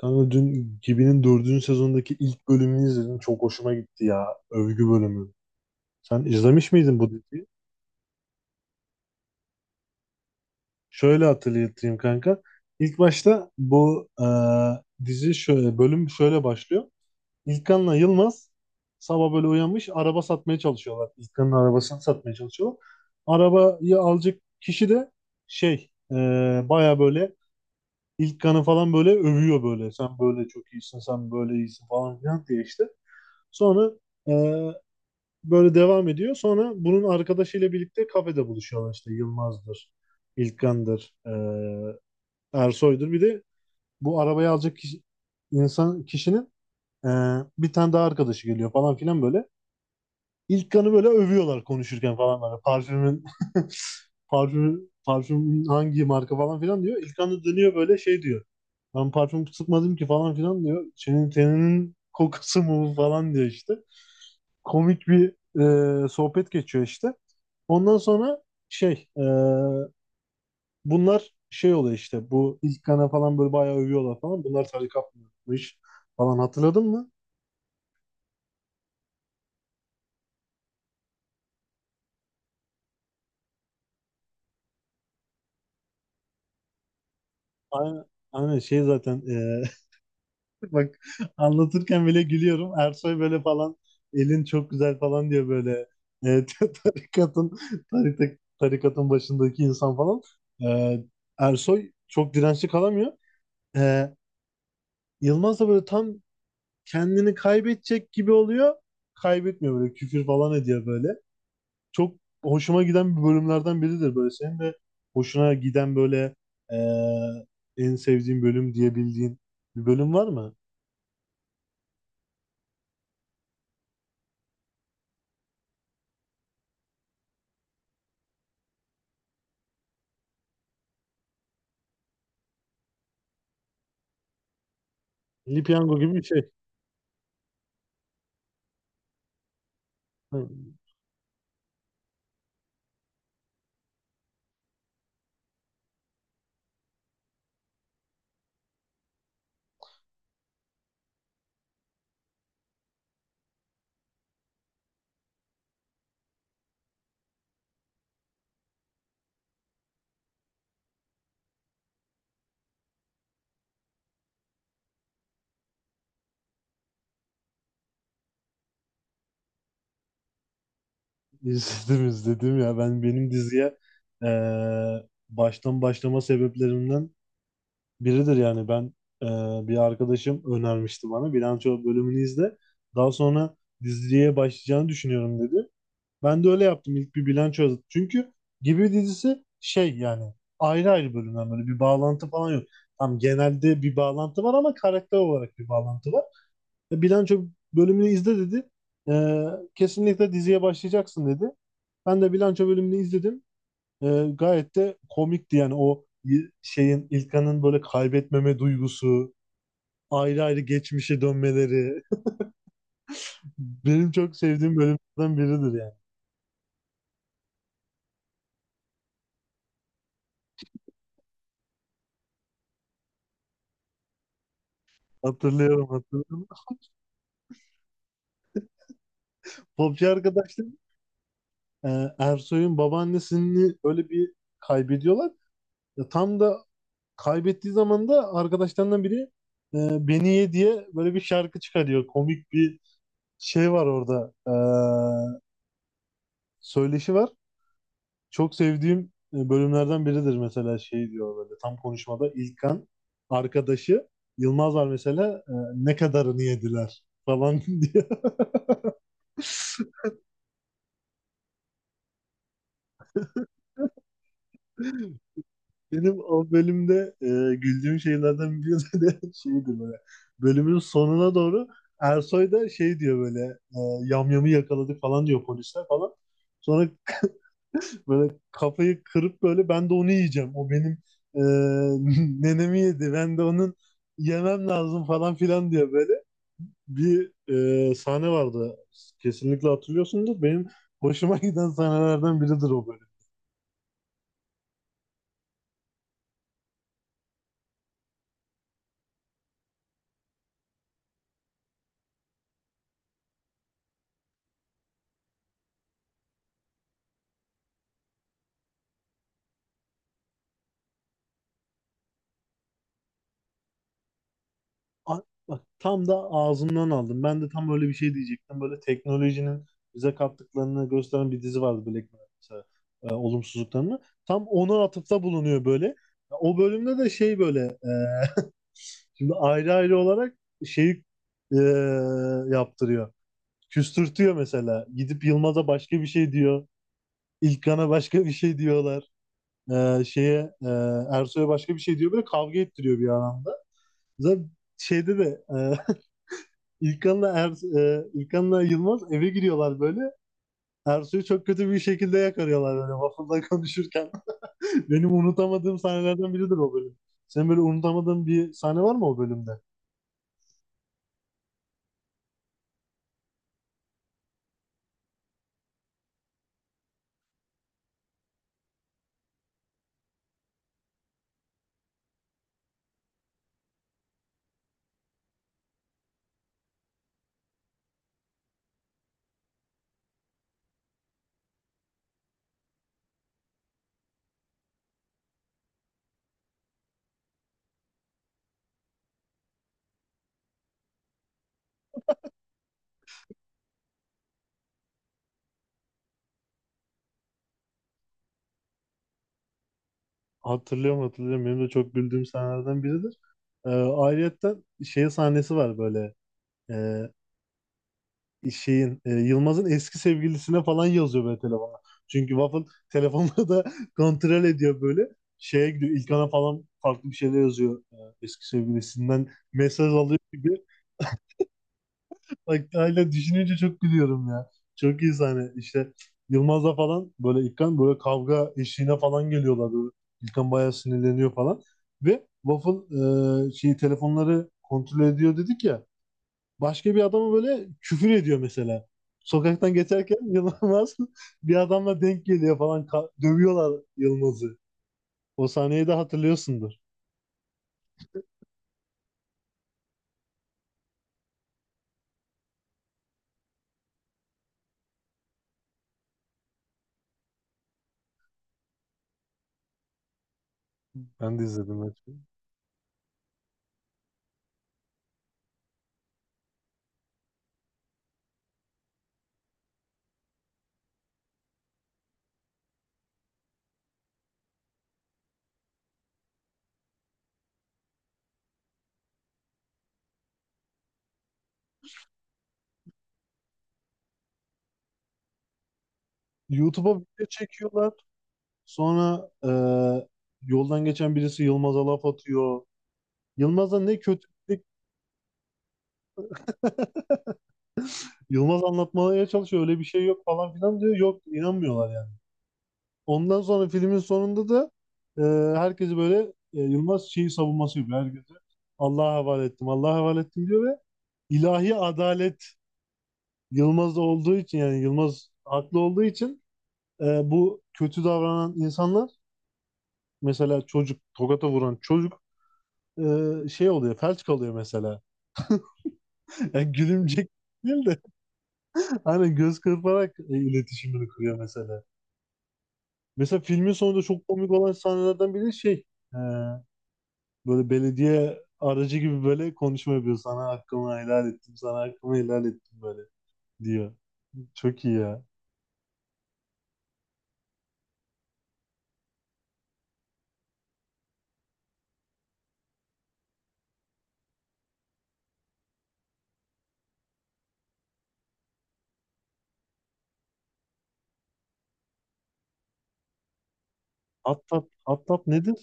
Kanka dün Gibi'nin dördüncü sezondaki ilk bölümünü izledim. Çok hoşuma gitti ya. Övgü bölümü. Sen izlemiş miydin bu diziyi? Şöyle hatırlatayım kanka. İlk başta bu dizi şöyle, bölüm şöyle başlıyor. İlkan'la Yılmaz sabah böyle uyanmış araba satmaya çalışıyorlar. İlkan'ın arabasını satmaya çalışıyorlar. Arabayı alacak kişi de şey e, baya böyle İlkan'ı falan böyle övüyor böyle. Sen böyle çok iyisin, sen böyle iyisin falan filan diye işte. Sonra e, böyle devam ediyor. Sonra bunun arkadaşıyla birlikte kafede buluşuyorlar işte Yılmaz'dır, İlkan'dır, Ersoy'dur. Bir de bu arabayı alacak kişi, insan kişinin e, bir tane daha arkadaşı geliyor falan filan böyle. İlk böyle övüyorlar konuşurken falan böyle. Parfümün parfümün hangi marka falan filan diyor. İlkan da dönüyor böyle şey diyor. Ben parfüm sıkmadım ki falan filan diyor. Senin teninin kokusu mu bu?" falan diyor işte. Komik bir sohbet geçiyor işte. Ondan sonra şey e, bunlar şey oluyor işte bu İlkan'a falan böyle bayağı övüyorlar falan. Bunlar tarikatmış falan, hatırladın mı? Aynen, aynen şey zaten. Bak, anlatırken bile gülüyorum. Ersoy böyle falan elin çok güzel falan diyor böyle. E, tarikatın tarikatın başındaki insan falan. E, Ersoy çok dirençli kalamıyor. E, Yılmaz da böyle tam kendini kaybedecek gibi oluyor. Kaybetmiyor, böyle küfür falan ediyor böyle. Çok hoşuma giden bir bölümlerden biridir böyle. Senin de hoşuna giden böyle e, en sevdiğin bölüm diyebildiğin bir bölüm var mı? Milli Piyango gibi bir şey. Hı. İzledim izledim ya, ben benim diziye baştan başlama sebeplerimden biridir yani. Ben, bir arkadaşım önermişti, bana bilanço bölümünü izle daha sonra diziye başlayacağını düşünüyorum dedi. Ben de öyle yaptım, ilk bir bilanço yazdım çünkü Gibi dizisi şey yani ayrı ayrı bölümler, böyle bir bağlantı falan yok. Tam genelde bir bağlantı var ama karakter olarak bir bağlantı var. Bilanço bölümünü izle dedi. E, kesinlikle diziye başlayacaksın dedi. Ben de bilanço bölümünü izledim. E, gayet de komikti yani o şeyin İlkan'ın böyle kaybetmeme duygusu, ayrı ayrı geçmişe dönmeleri. Benim çok sevdiğim bölümlerden biridir yani. Hatırlıyorum hatırlıyorum. Popçu arkadaşlar. e, Ersoy'un babaannesini öyle bir kaybediyorlar. Tam da kaybettiği zaman da arkadaşlarından biri beni ye diye böyle bir şarkı çıkarıyor. Komik bir şey var orada. Söyleşi var. Çok sevdiğim bölümlerden biridir mesela şey diyor böyle tam konuşmada İlkan, arkadaşı Yılmaz var mesela, ne kadarını yediler falan diyor. Benim o bölümde güldüğüm şeylerden biri de şeydi böyle. Bölümün sonuna doğru Ersoy da şey diyor böyle. e, yamyamı yakaladı falan diyor polisler falan. Sonra böyle kafayı kırıp böyle ben de onu yiyeceğim. O benim e, nenemi yedi. Ben de onun yemem lazım falan filan diyor böyle. Bir sahne vardı. Kesinlikle hatırlıyorsundur. Benim hoşuma giden sahnelerden biridir o. A- Bak tam da ağzından aldım. Ben de tam öyle bir şey diyecektim. Böyle teknolojinin bize kattıklarını gösteren bir dizi vardı Black Mirror mesela. Olumsuzluklarını. Tam ona atıfta bulunuyor böyle. O bölümde de şey böyle, şimdi ayrı ayrı olarak şeyi e, yaptırıyor. Küstürtüyor mesela. Gidip Yılmaz'a başka bir şey diyor. İlkan'a başka bir şey diyorlar. E, şeye e, Ersoy'a başka bir şey diyor. Böyle kavga ettiriyor bir anlamda. Zaten şeyde de, İlkan'la Yılmaz eve giriyorlar böyle. Ersoy'u çok kötü bir şekilde yakarıyorlar böyle waffle'da konuşurken. Benim unutamadığım sahnelerden biridir o bölüm. Senin böyle unutamadığın bir sahne var mı o bölümde? Hatırlıyorum hatırlıyorum. Benim de çok güldüğüm sahnelerden biridir. Ayrıyetten şey sahnesi var böyle. Ee, şeyin, Yılmaz'ın eski sevgilisine falan yazıyor böyle telefona. Çünkü Waffle telefonları da kontrol ediyor böyle. Şeye gidiyor İlkan'a falan farklı bir şeyler yazıyor, eski sevgilisinden mesaj alıyor gibi. Bak hala düşününce çok gülüyorum ya. Çok iyi sahne. İşte Yılmaz'la falan böyle İlkan böyle kavga eşiğine falan geliyorlar böyle. İlkan bayağı sinirleniyor falan. Ve Waffle, şeyi telefonları kontrol ediyor dedik ya, başka bir adama böyle küfür ediyor mesela. Sokaktan geçerken Yılmaz bir adamla denk geliyor falan. Dövüyorlar Yılmaz'ı. O sahneyi de hatırlıyorsundur. Ben de izledim maçı. YouTube'a video çekiyorlar. Sonra yoldan geçen birisi Yılmaz'a laf atıyor. Yılmaz'a ne kötülük. Yılmaz anlatmaya çalışıyor. Öyle bir şey yok falan filan diyor. Yok inanmıyorlar yani. Ondan sonra filmin sonunda da e, herkesi böyle, Yılmaz şeyi savunması yapıyor. Herkese Allah'a havale ettim, Allah'a havale ettim diyor ve ilahi adalet Yılmaz'da olduğu için, yani Yılmaz haklı olduğu için e, bu kötü davranan insanlar, mesela çocuk, tokata vuran çocuk şey oluyor, felç kalıyor mesela. Yani gülümcek değil de hani göz kırparak iletişimini kuruyor mesela. Mesela filmin sonunda çok komik olan sahnelerden biri şey. e, Böyle belediye aracı gibi böyle konuşma yapıyor. Sana hakkımı helal ettim, sana hakkımı helal ettim böyle diyor. Çok iyi ya. At tat, at tat nedir?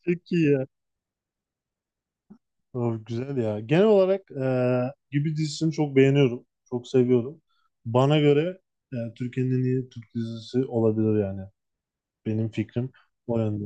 Çok iyi ya. Of, güzel ya. Genel olarak Gibi dizisini çok beğeniyorum. Çok seviyorum. Bana göre Türkiye'nin en iyi Türk dizisi olabilir yani. Benim fikrim o yönde.